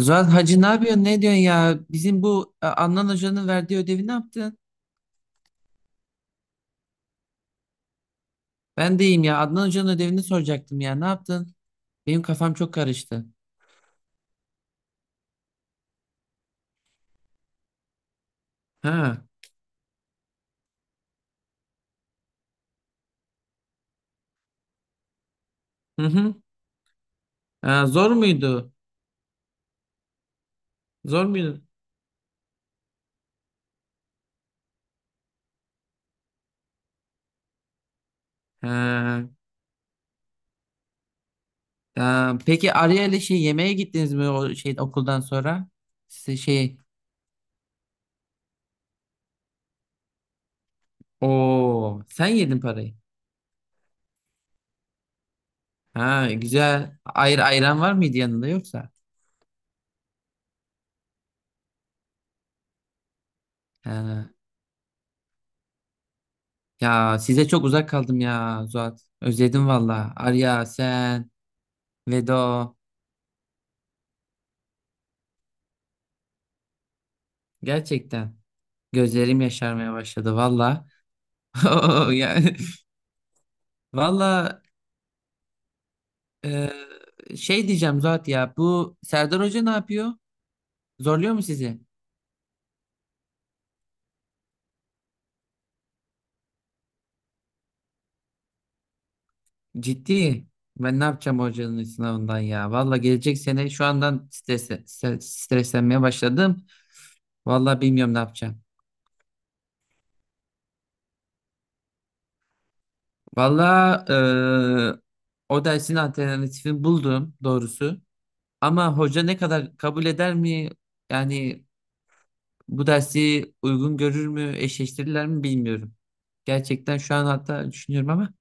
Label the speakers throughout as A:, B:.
A: Zuhal Hacı ne yapıyorsun? Ne diyorsun ya? Bizim bu Adnan Hoca'nın verdiği ödevi ne yaptın? Ben de iyiyim ya. Adnan Hoca'nın ödevini soracaktım ya. Ne yaptın? Benim kafam çok karıştı. Ha. Hı hı. Ha, zor muydu? Zor muydu? Ha. Ha, peki Arya ile şey yemeğe gittiniz mi o şey okuldan sonra? Size şey o sen yedin parayı. Ha, güzel. Ayran var mıydı yanında yoksa? Ha. Ya size çok uzak kaldım ya Zuhat. Özledim valla. Arya sen Vedo gerçekten gözlerim yaşarmaya başladı valla. Yani valla, e, şey diyeceğim Zuhat ya, bu Serdar Hoca ne yapıyor? Zorluyor mu sizi? Ciddi. Ben ne yapacağım hocanın sınavından ya? Valla gelecek sene şu andan streslenmeye başladım. Valla bilmiyorum ne yapacağım. Valla, o dersin alternatifini buldum doğrusu. Ama hoca ne kadar kabul eder mi? Yani bu dersi uygun görür mü, eşleştirirler mi bilmiyorum. Gerçekten şu an hatta düşünüyorum ama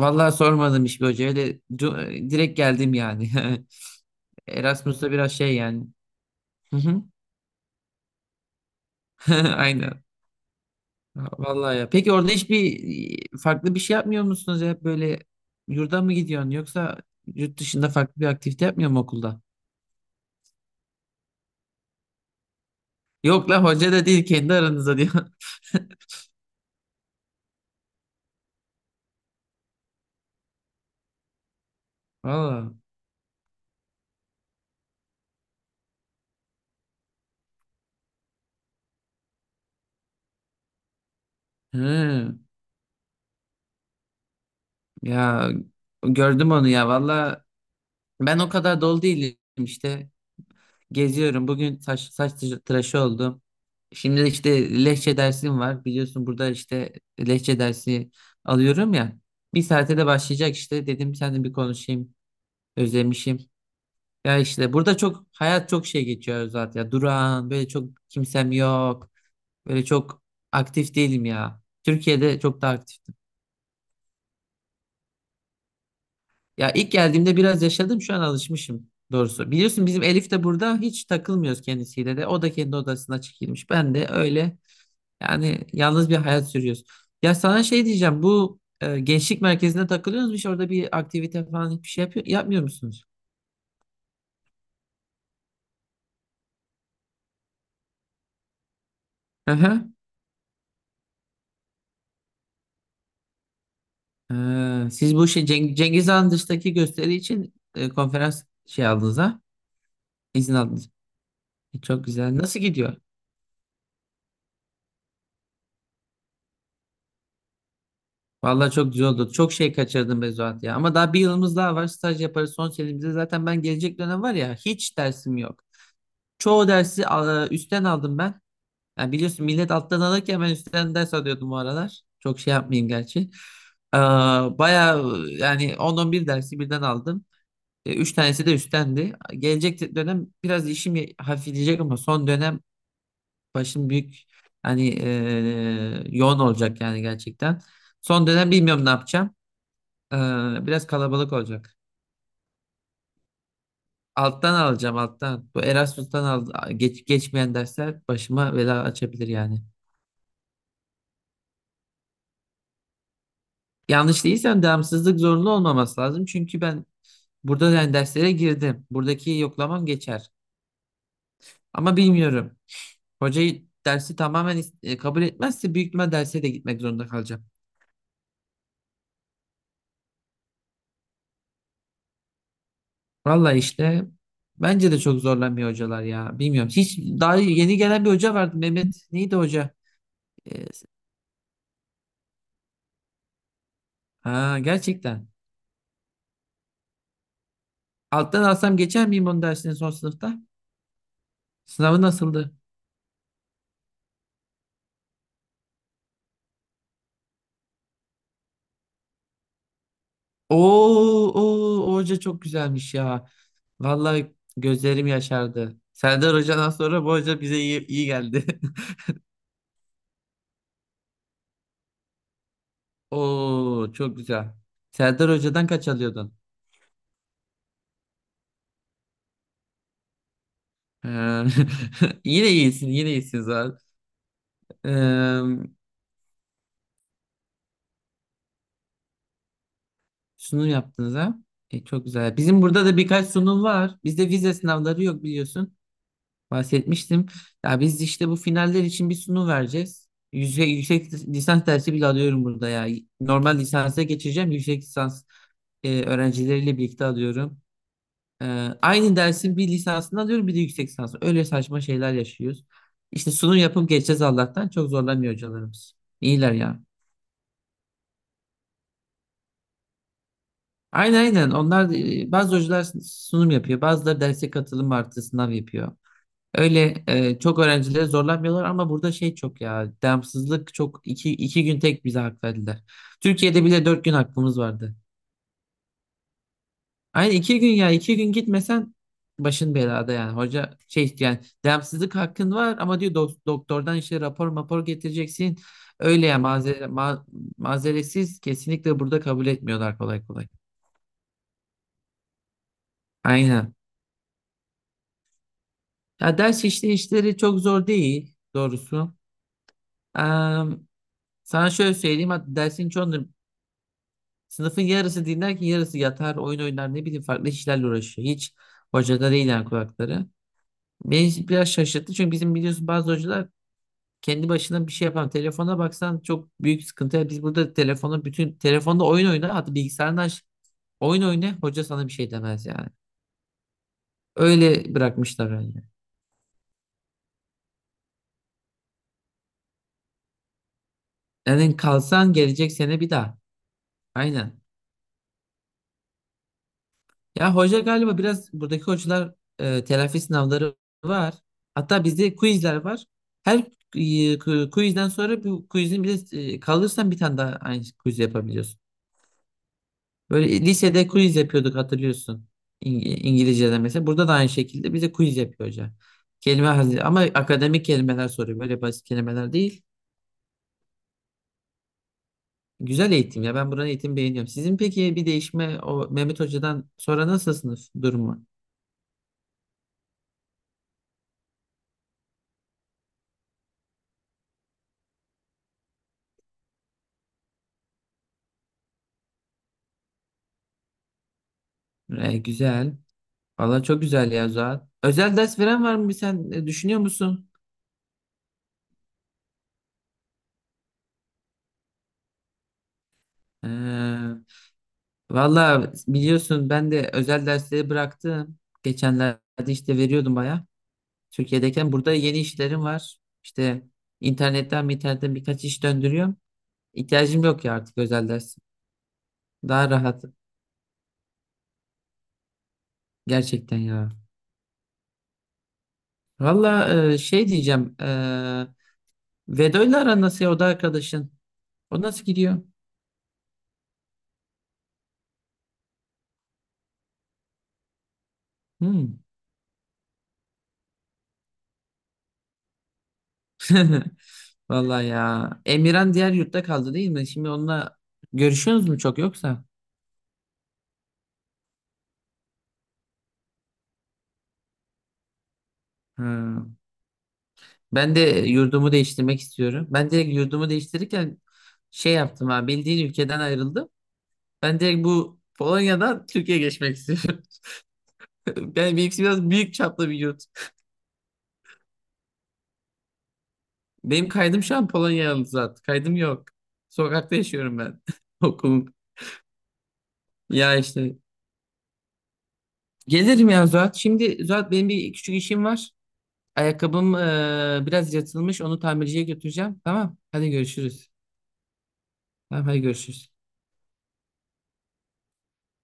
A: vallahi sormadım hiçbir hocaya. Öyle direkt geldim yani. Erasmus'ta biraz şey yani. Hı hı. Aynen. Vallahi ya. Peki orada hiçbir farklı bir şey yapmıyor musunuz ya? Böyle yurda mı gidiyorsun yoksa yurt dışında farklı bir aktivite yapmıyor mu okulda? Yok lan, hoca da değil, kendi aranızda diyor. Valla. Hı. Ya gördüm onu ya. Valla ben o kadar dolu değilim işte. Geziyorum. Bugün saç tıraşı oldum. Şimdi işte lehçe dersim var. Biliyorsun burada işte lehçe dersi alıyorum ya. Bir saate de başlayacak işte. Dedim seninle bir konuşayım. Özlemişim. Ya işte burada çok hayat çok şey geçiyor zaten ya. Durağan, böyle çok kimsem yok. Böyle çok aktif değilim ya. Türkiye'de çok daha aktif. Ya ilk geldiğimde biraz yaşadım, şu an alışmışım doğrusu. Biliyorsun bizim Elif de burada, hiç takılmıyoruz kendisiyle de. O da kendi odasına çekilmiş. Ben de öyle, yani yalnız bir hayat sürüyoruz. Ya sana şey diyeceğim, bu gençlik merkezinde takılıyorsunuz, hiç orada bir aktivite falan hiçbir şey yapmıyor musunuz? Hı hı. Siz bu şey Cengiz Han dıştaki gösteri için konferans şey aldınız ha? İzin aldınız. E, çok güzel. Nasıl gidiyor? Vallahi çok güzel oldu. Çok şey kaçırdım be Zuhat ya. Ama daha bir yılımız daha var. Staj yaparız son senemizde. Zaten ben gelecek dönem var ya, hiç dersim yok. Çoğu dersi üstten aldım ben. Yani biliyorsun, millet alttan alırken ben üstten ders alıyordum bu aralar. Çok şey yapmayayım gerçi. Ee, Bayağı yani 10-11 dersi birden aldım. E, 3 tanesi de üsttendi. Gelecek dönem biraz işim hafifleyecek ama son dönem başım büyük, hani yoğun olacak yani gerçekten. Son dönem bilmiyorum ne yapacağım. Biraz kalabalık olacak. Alttan alacağım, alttan. Bu Erasmus'tan geçmeyen dersler başıma bela açabilir yani. Yanlış değilsem devamsızlık zorunlu olmaması lazım. Çünkü ben burada yani derslere girdim. Buradaki yoklamam geçer. Ama bilmiyorum. Hocayı dersi tamamen kabul etmezse büyük ihtimal derse de gitmek zorunda kalacağım. Vallahi işte bence de çok zorlanmıyor hocalar ya. Bilmiyorum. Hiç daha yeni gelen bir hoca vardı, Mehmet. Neydi hoca? Ee, ha, gerçekten. Alttan alsam geçer miyim onu dersini son sınıfta? Sınavı nasıldı? Oo, oo, o hoca çok güzelmiş ya. Vallahi gözlerim yaşardı. Serdar Hoca'dan sonra bu hoca bize iyi geldi. Oo, çok güzel. Serdar Hoca'dan kaç alıyordun? Ee, yine iyisin, yine iyisin zaten. Ee, sunum yaptınız ha? E, çok güzel. Bizim burada da birkaç sunum var. Bizde vize sınavları yok, biliyorsun. Bahsetmiştim. Ya biz işte bu finaller için bir sunum vereceğiz. Yüksek lisans dersi bile alıyorum burada ya. Normal lisansa geçeceğim. Yüksek lisans öğrencileriyle birlikte alıyorum. E, aynı dersin bir lisansını alıyorum, bir de yüksek lisansı. Öyle saçma şeyler yaşıyoruz. İşte sunum yapıp geçeceğiz Allah'tan. Çok zorlamıyor hocalarımız. İyiler ya. Aynen, aynen. Onlar bazı hocalar sunum yapıyor. Bazıları derse katılım artı sınav yapıyor. Öyle çok öğrencileri zorlamıyorlar ama burada şey çok ya, devamsızlık çok, iki gün tek bize hak verdiler. Türkiye'de bile dört gün hakkımız vardı. Aynı iki gün ya, iki gün gitmesen başın belada yani, hoca şey yani devamsızlık hakkın var ama diyor doktordan işte rapor mapor getireceksin. Öyle ya mazeretsiz kesinlikle burada kabul etmiyorlar kolay kolay. Aynen. Ya ders işleyişleri çok zor değil doğrusu. Eee Sana şöyle söyleyeyim, hatta dersin çoğunu sınıfın yarısı dinlerken yarısı yatar, oyun oynar, ne bileyim farklı işlerle uğraşıyor. Hiç hocada değil yani kulakları. Beni biraz şaşırttı çünkü bizim biliyorsun bazı hocalar kendi başına bir şey yapan. Telefona baksan çok büyük sıkıntı. Yani biz burada telefonu bütün, telefonda oyun oyna, hatta bilgisayardan aç, oyun oyna, hoca sana bir şey demez yani. Öyle bırakmışlar öyle. Yani kalsan gelecek sene bir daha. Aynen. Ya hoca galiba biraz, buradaki hocalar telafi sınavları var. Hatta bizde quizler var. Her quizden sonra bu quizin bir de kalırsan bir tane daha aynı quiz yapabiliyorsun. Böyle lisede quiz yapıyorduk, hatırlıyorsun. İngilizce'de mesela. Burada da aynı şekilde bize quiz yapıyor hoca. Kelime hazır ama akademik kelimeler soruyor. Böyle basit kelimeler değil. Güzel eğitim ya. Ben buranın eğitimi beğeniyorum. Sizin peki bir değişme o Mehmet Hoca'dan sonra, nasıl sınıf durumu? E, güzel. Valla çok güzel ya Zuhat. Özel ders veren var mı? Bir sen düşünüyor musun? Ee, Valla biliyorsun ben de özel dersleri bıraktım. Geçenlerde işte veriyordum baya. Türkiye'deyken, burada yeni işlerim var. İşte internetten birkaç iş döndürüyorum. İhtiyacım yok ya artık özel ders. Daha rahat gerçekten ya. Valla, şey diyeceğim. Vedo'yla aran nasıl ya, o da arkadaşın? O nasıl gidiyor? Hmm. Vallahi ya. Emirhan diğer yurtta kaldı değil mi? Şimdi onunla görüşüyorsunuz mu çok yoksa? Ha. Ben de yurdumu değiştirmek istiyorum. Ben direkt yurdumu değiştirirken şey yaptım ha. Bildiğin ülkeden ayrıldım. Ben direkt bu Polonya'dan Türkiye'ye geçmek istiyorum. Yani benimkisi biraz büyük çaplı bir yurt. Benim kaydım şu an Polonyalı zaten. Kaydım yok. Sokakta yaşıyorum ben. Okulum. Ya işte. Gelirim ya Zuhat. Şimdi Zuhat, benim bir küçük işim var. Ayakkabım biraz yırtılmış. Onu tamirciye götüreceğim. Tamam. Hadi görüşürüz. Tamam, hadi görüşürüz.